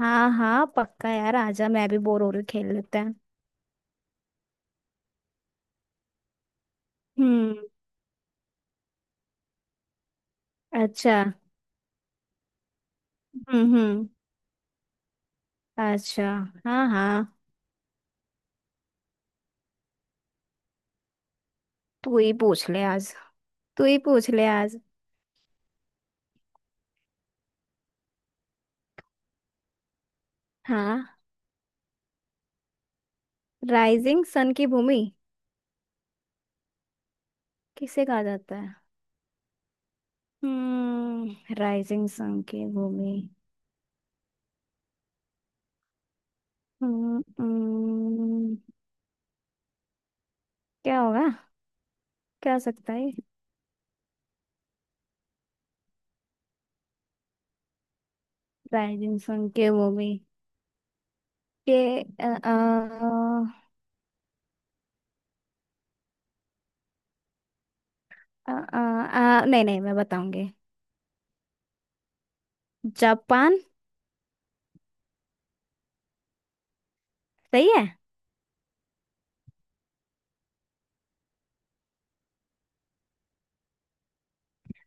हाँ हाँ, पक्का यार आजा, मैं भी बोर हो रही हूँ, खेल लेते हैं। हम्म। अच्छा। हम्म। अच्छा। हाँ हाँ। तू ही पूछ ले आज। तू ही पूछ ले आज। हाँ। राइजिंग सन की भूमि किसे कहा जाता है? हम्म। राइजिंग सन की भूमि। हम्म, हम्म। क्या होगा? क्या हो सकता है? राइजिंग सन की भूमि के अ, अ, नहीं नहीं, मैं बताऊंगी। जापान। सही है।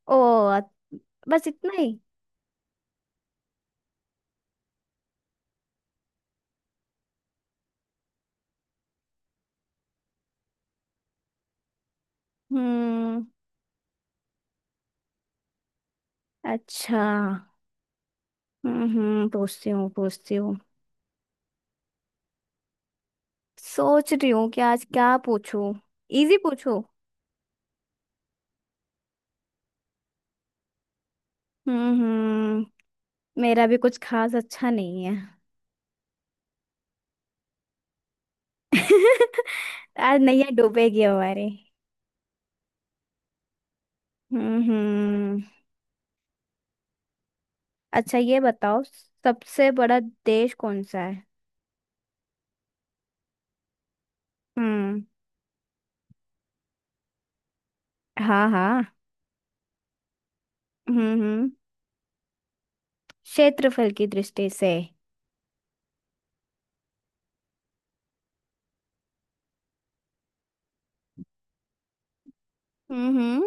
ओ। बस इतना ही। हम्म। अच्छा। हम्म। पूछती हूँ पूछती हूँ। सोच रही हूँ कि आज क्या पूछूं। इजी पूछूं। हम्म। मेरा भी कुछ खास अच्छा नहीं है। आज नैया डूबेगी हमारे। हम्म। अच्छा ये बताओ, सबसे बड़ा देश कौन सा है? हम्म। हाँ हाँ। हम्म। क्षेत्रफल की दृष्टि से। हम्म।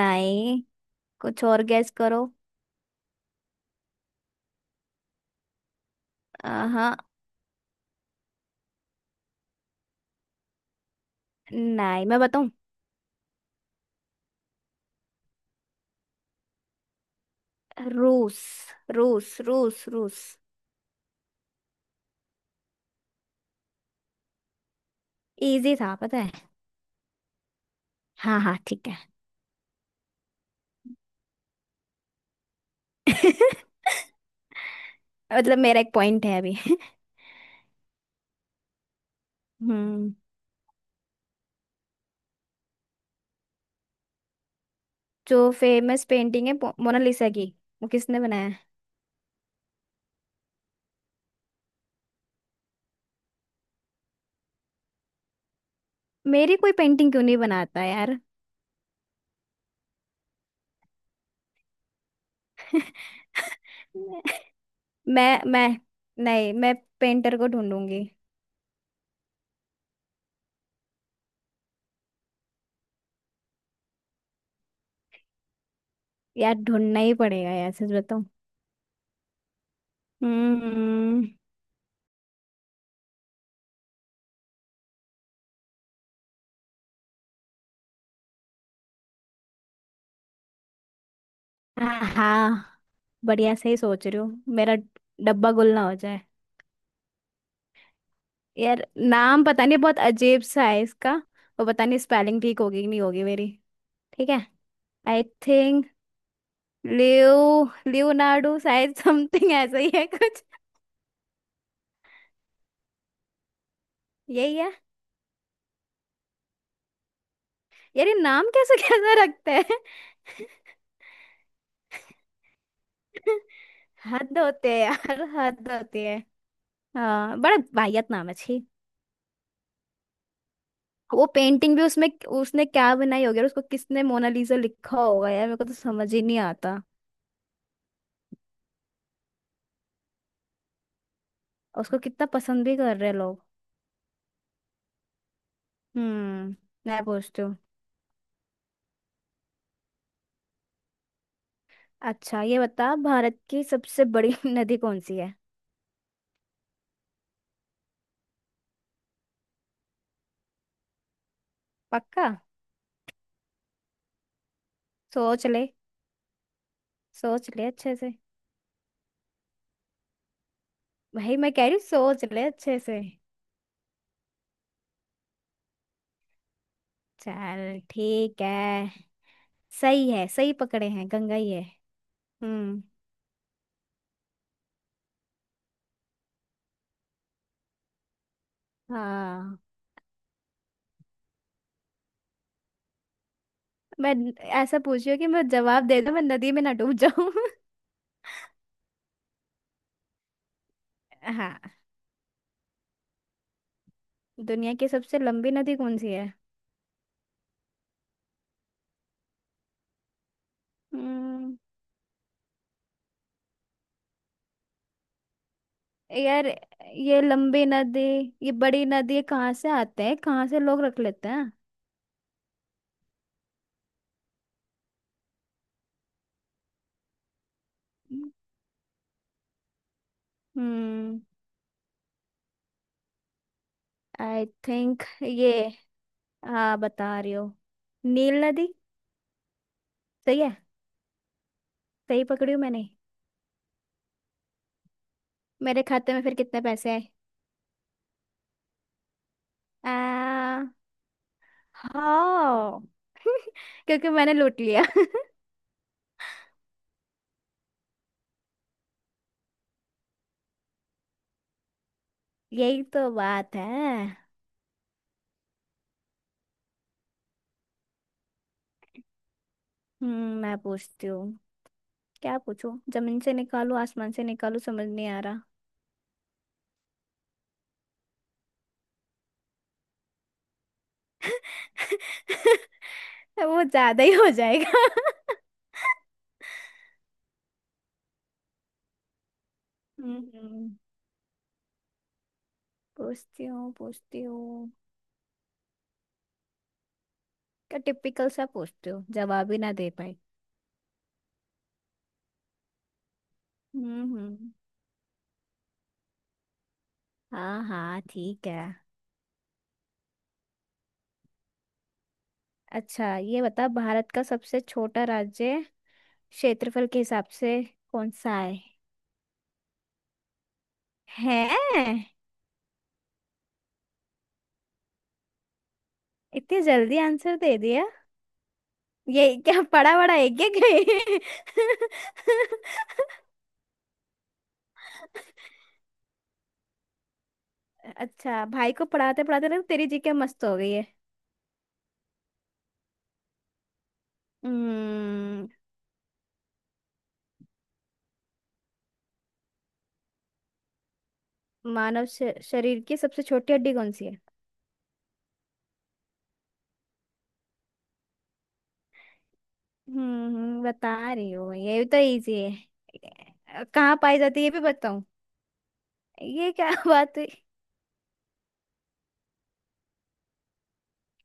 नहीं। कुछ और गैस करो। हाँ। नहीं, मैं बताऊं। रूस। रूस रूस रूस। इजी था पता है। हाँ हाँ, ठीक है। मतलब मेरा एक पॉइंट है अभी। हम्म। जो फेमस पेंटिंग है मोनालिसा की, वो किसने बनाया है? मेरी कोई पेंटिंग क्यों नहीं बनाता यार। मैं नहीं, मैं पेंटर को ढूंढूंगी। यार ढूंढना ही पड़ेगा यार, सच बताऊं। हम्म। हाँ हाँ, बढ़िया से ही सोच रही हूँ, मेरा डब्बा गुल ना हो। यार नाम पता नहीं, बहुत अजीब सा है इसका। और पता नहीं स्पेलिंग ठीक होगी कि नहीं होगी मेरी। ठीक है। आई थिंक लियोनार्डो, शायद समथिंग ऐसा ही है कुछ। यही है। यार ये नाम कैसे कैसे रखते हैं। हद होते है यार, हद होती है। हाँ, बड़ा वाहियत नाम है, छी। वो पेंटिंग भी उसमें उसने क्या बनाई होगी, और उसको किसने मोनालिसा लिखा होगा, यार मेरे को तो समझ ही नहीं आता। और उसको कितना पसंद भी कर रहे हैं लोग। हम्म। मैं पूछती हूँ। अच्छा ये बता, भारत की सबसे बड़ी नदी कौन सी है? पक्का? सोच ले। सोच ले अच्छे से। भाई मैं कह रही हूँ, सोच ले अच्छे से। चल ठीक है। सही है, सही पकड़े हैं, गंगा ही है। हम्म। हाँ। मैं ऐसा पूछ रही हूँ कि मैं जवाब दे दूँ, मैं नदी में ना डूब जाऊं। हाँ। दुनिया की सबसे लंबी नदी कौन सी है? हम्म। यार ये लंबी नदी, ये बड़ी नदी कहाँ से आते हैं, कहाँ से लोग रख लेते हैं। हम्म। आई थिंक ये। हाँ, बता रही हो। नील नदी। सही है। सही पकड़ी हूँ मैंने। मेरे खाते में फिर कितने पैसे आए? आ, हाँ। क्योंकि मैंने लूट लिया। यही तो बात है। हम्म। मैं पूछती हूँ। क्या पूछूं, जमीन से निकालू आसमान से निकालू, समझ नहीं आ रहा। वो ज्यादा ही हो जाएगा। हम्म। पूछती हूँ पूछती हूँ। का टिपिकल सा पूछते हो, जवाब ही ना दे पाए। हम्म। हाँ हाँ, ठीक है। अच्छा ये बता, भारत का सबसे छोटा राज्य, क्षेत्रफल के हिसाब से कौन सा है? है? इतनी जल्दी आंसर दे दिया। ये क्या, पढ़ा बड़ा है क्या कहीं? अच्छा, भाई को पढ़ाते पढ़ाते ना तेरी जीके मस्त हो गई है। हम्म। मानव शरीर की सबसे छोटी हड्डी कौन सी है? बता रही हूँ। ये भी तो इजी है, कहाँ पाई जाती है ये भी बताऊँ। ये क्या बात हुई।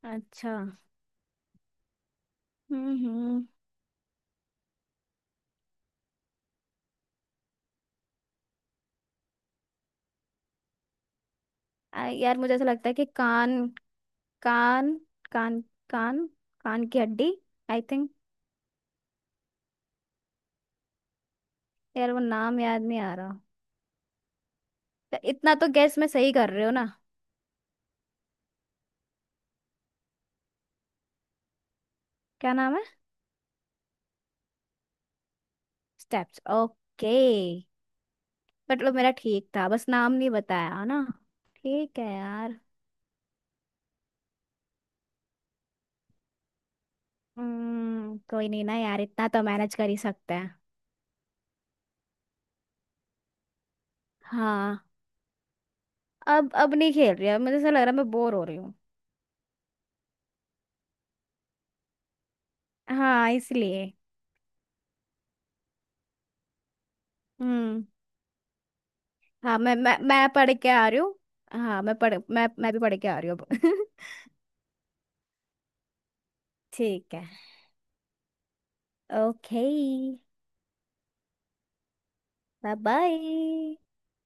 अच्छा। हम्म। यार मुझे ऐसा लगता है कि कान, कान, कान, कान, कान की हड्डी, आई थिंक। यार वो नाम याद नहीं आ रहा। तो इतना तो गैस में सही कर रहे हो ना। क्या नाम है? Steps, okay. मतलब मेरा ठीक था, बस नाम नहीं बताया ना। ठीक है यार। हम्म। कोई नहीं ना यार, इतना तो मैनेज कर ही सकते हैं। हाँ। अब नहीं खेल रही, अब मुझे ऐसा लग रहा है मैं बोर हो रही हूँ। हाँ, इसलिए। हम्म। हाँ, मैं पढ़ के आ रही हूँ। हाँ, मैं भी पढ़ के आ रही हूँ अब। ठीक है। ओके। Bye bye.